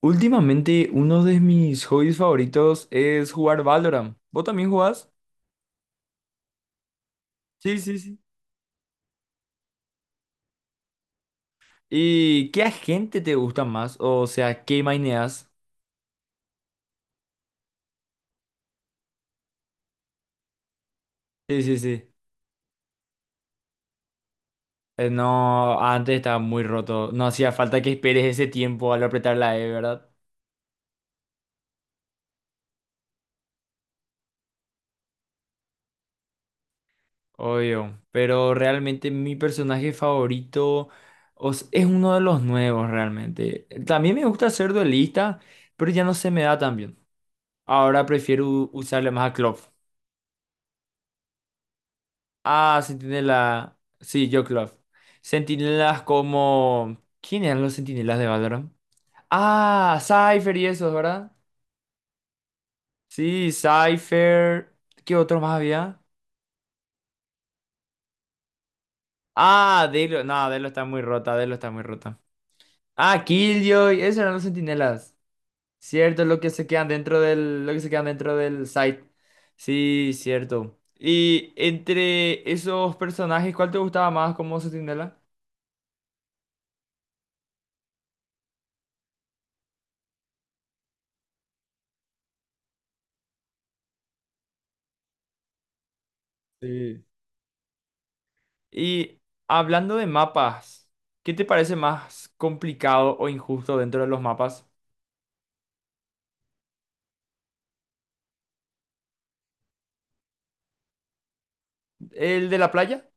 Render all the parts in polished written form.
Últimamente, uno de mis hobbies favoritos es jugar Valorant. ¿Vos también jugás? Sí, sí, sí. ¿Y qué agente te gusta más? O sea, ¿qué maineas? Sí, sí, sí. No, antes estaba muy roto. No hacía falta que esperes ese tiempo al apretar la E, ¿verdad? Obvio. Pero realmente mi personaje favorito es uno de los nuevos, realmente. También me gusta ser duelista, pero ya no se me da tan bien. Ahora prefiero usarle más a Klopp. Ah, Sentinela. Sí, yo Club. Sentinelas como. ¿Quién eran los sentinelas de Valorant? Ah, Cypher y esos, ¿verdad? Sí, Cypher. ¿Qué otro más había? Ah, Delo. No, Delo está muy rota, Delo está muy rota. Ah, Killjoy. Esos eran los sentinelas. Cierto, lo que se quedan dentro del. Lo que se quedan dentro del site. Sí, cierto. Y entre esos personajes, ¿cuál te gustaba más como sentinela? Sí. Y hablando de mapas, ¿qué te parece más complicado o injusto dentro de los mapas? ¿El de la playa?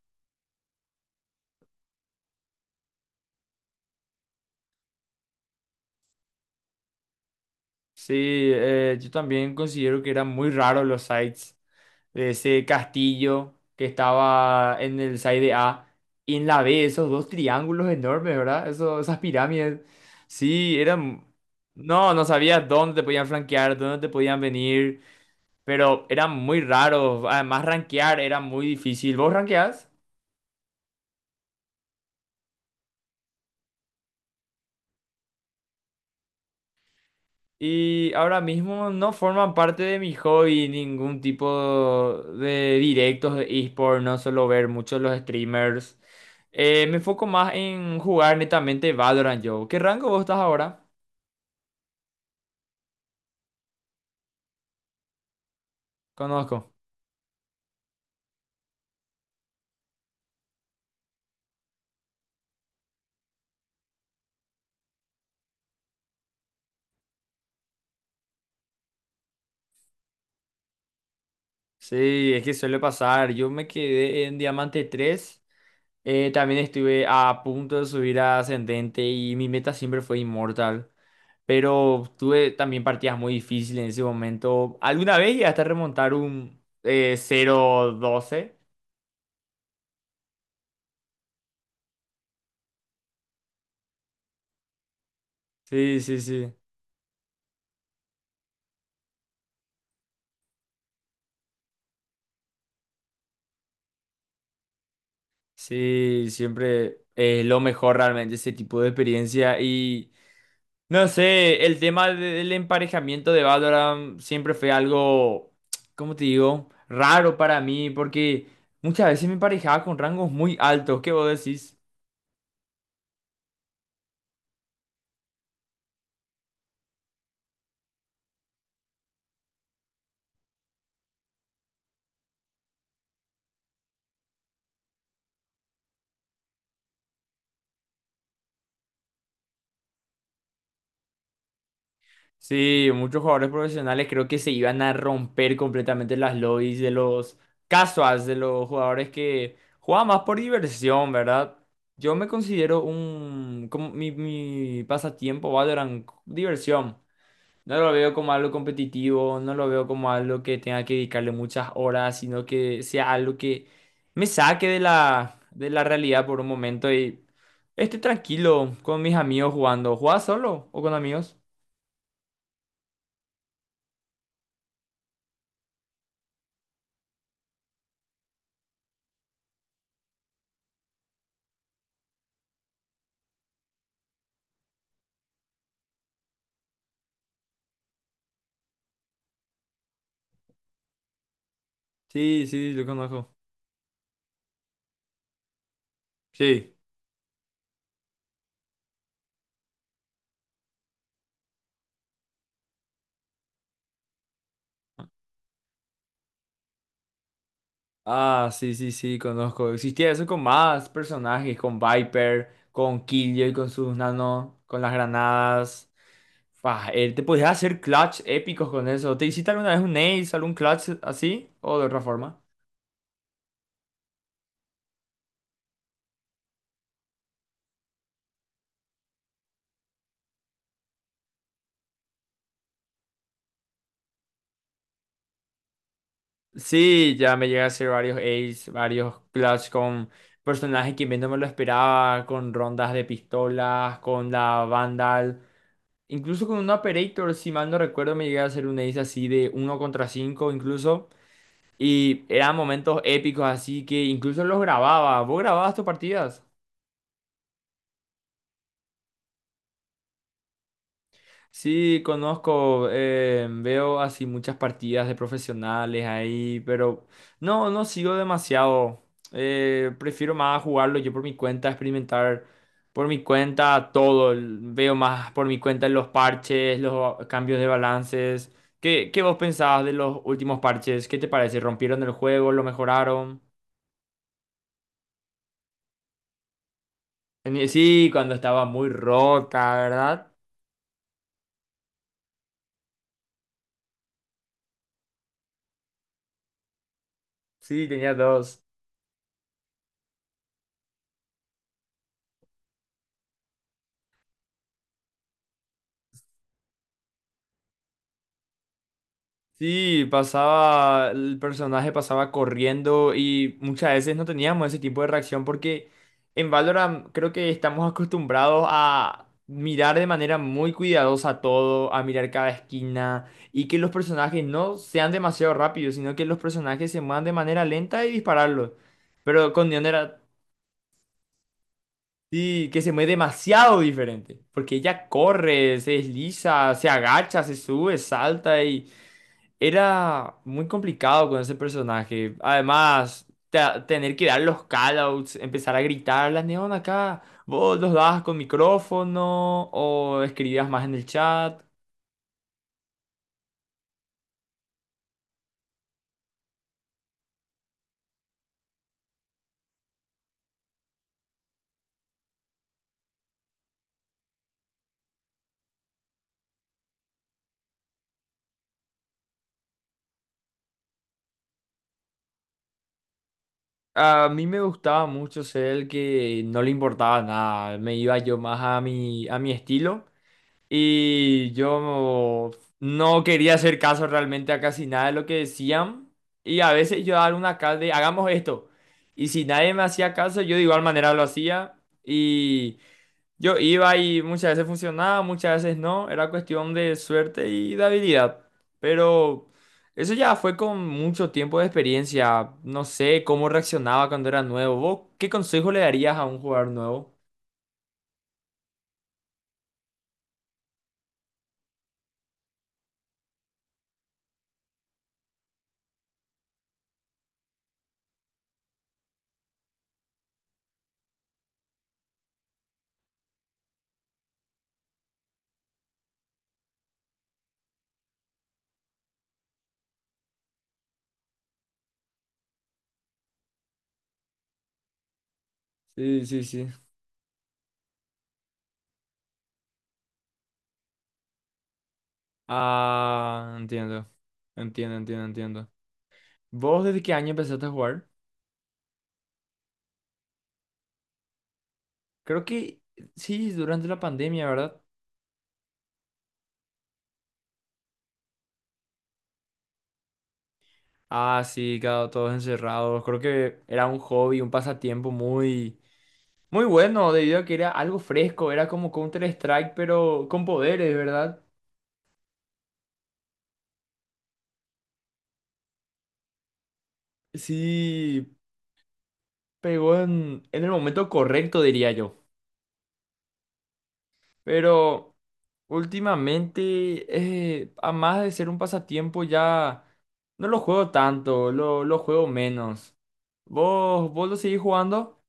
Sí, yo también considero que eran muy raros los sites de ese castillo que estaba en el site de A y en la B, esos dos triángulos enormes, ¿verdad? Esas pirámides. Sí, eran. No, no sabías dónde te podían flanquear, dónde te podían venir, pero eran muy raros. Además, rankear era muy difícil. ¿Vos rankeás? Y ahora mismo no forman parte de mi hobby ningún tipo de directos de eSport, no suelo ver mucho los streamers. Me enfoco más en jugar netamente Valorant yo. ¿Qué rango vos estás ahora? Conozco. Sí, es que suele pasar. Yo me quedé en Diamante tres. También estuve a punto de subir a Ascendente y mi meta siempre fue Inmortal. Pero tuve también partidas muy difíciles en ese momento. Alguna vez llegué hasta remontar un 0-12. Sí, sí, sí. Sí, siempre es lo mejor realmente ese tipo de experiencia. Y no sé, el del emparejamiento de Valorant siempre fue algo, ¿cómo te digo? Raro para mí, porque muchas veces me emparejaba con rangos muy altos. ¿Qué vos decís? Sí, muchos jugadores profesionales creo que se iban a romper completamente las lobbies de los casuals, de los jugadores que juegan más por diversión, ¿verdad? Yo me considero un, como mi pasatiempo, Valorant, diversión. No lo veo como algo competitivo, no lo veo como algo que tenga que dedicarle muchas horas, sino que sea algo que me saque de la realidad por un momento y esté tranquilo con mis amigos jugando. ¿Juegas solo o con amigos? Sí, sí, lo conozco. Sí. Ah, sí, sí, sí, conozco. Existía eso con más personajes, con Viper, con Killjoy, con sus nano, con las granadas. Fah, te podías hacer clutch épicos con eso. ¿Te hiciste alguna vez un ace, algún clutch así? ¿O de otra forma? Sí, ya me llegué a hacer varios ace, varios clutch con personajes que menos me lo esperaba, con rondas de pistolas, con la Vandal. Incluso con un operator, si mal no recuerdo, me llegué a hacer un ace así de uno contra 5, incluso. Y eran momentos épicos, así que incluso los grababa. ¿Vos grababas tus partidas? Sí, conozco, veo así muchas partidas de profesionales ahí, pero no, no sigo demasiado. Prefiero más jugarlo yo por mi cuenta, experimentar por mi cuenta todo. Veo más por mi cuenta los parches, los cambios de balances. ¿Qué vos pensabas de los últimos parches? ¿Qué te parece? ¿Rompieron el juego? ¿Lo mejoraron? Sí, cuando estaba muy rota, ¿verdad? Sí, tenía dos. Sí, pasaba, el personaje pasaba corriendo y muchas veces no teníamos ese tipo de reacción porque en Valorant creo que estamos acostumbrados a mirar de manera muy cuidadosa todo, a mirar cada esquina y que los personajes no sean demasiado rápidos, sino que los personajes se muevan de manera lenta y dispararlos. Pero con Neon era, sí, que se mueve demasiado diferente porque ella corre, se desliza, se agacha, se sube, salta y. Era muy complicado con ese personaje. Además, tener que dar los callouts, empezar a gritar, la neón acá, vos los dabas con micrófono o escribías más en el chat. A mí me gustaba mucho ser el que no le importaba nada, me iba yo más a mi estilo. Y yo no quería hacer caso realmente a casi nada de lo que decían. Y a veces yo daba una acá de, hagamos esto. Y si nadie me hacía caso, yo de igual manera lo hacía. Y yo iba y muchas veces funcionaba, muchas veces no. Era cuestión de suerte y de habilidad. Pero eso ya fue con mucho tiempo de experiencia. No sé cómo reaccionaba cuando era nuevo. ¿Vos qué consejo le darías a un jugador nuevo? Sí, sí, sí. Ah, entiendo. Entiendo, entiendo, entiendo. ¿Vos desde qué año empezaste a jugar? Creo que sí, durante la pandemia, ¿verdad? Ah, sí, claro, todos encerrados. Creo que era un hobby, un pasatiempo muy, muy bueno, debido a que era algo fresco, era como Counter-Strike, pero con poderes, ¿verdad? Sí, pegó en el momento correcto, diría yo. Pero últimamente, a más de ser un pasatiempo, ya no lo juego tanto, lo juego menos. ¿Vos lo seguís jugando?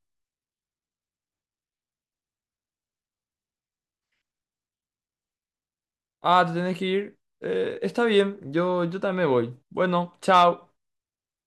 Ah, te tenés que ir. Está bien, yo también me voy. Bueno, chao.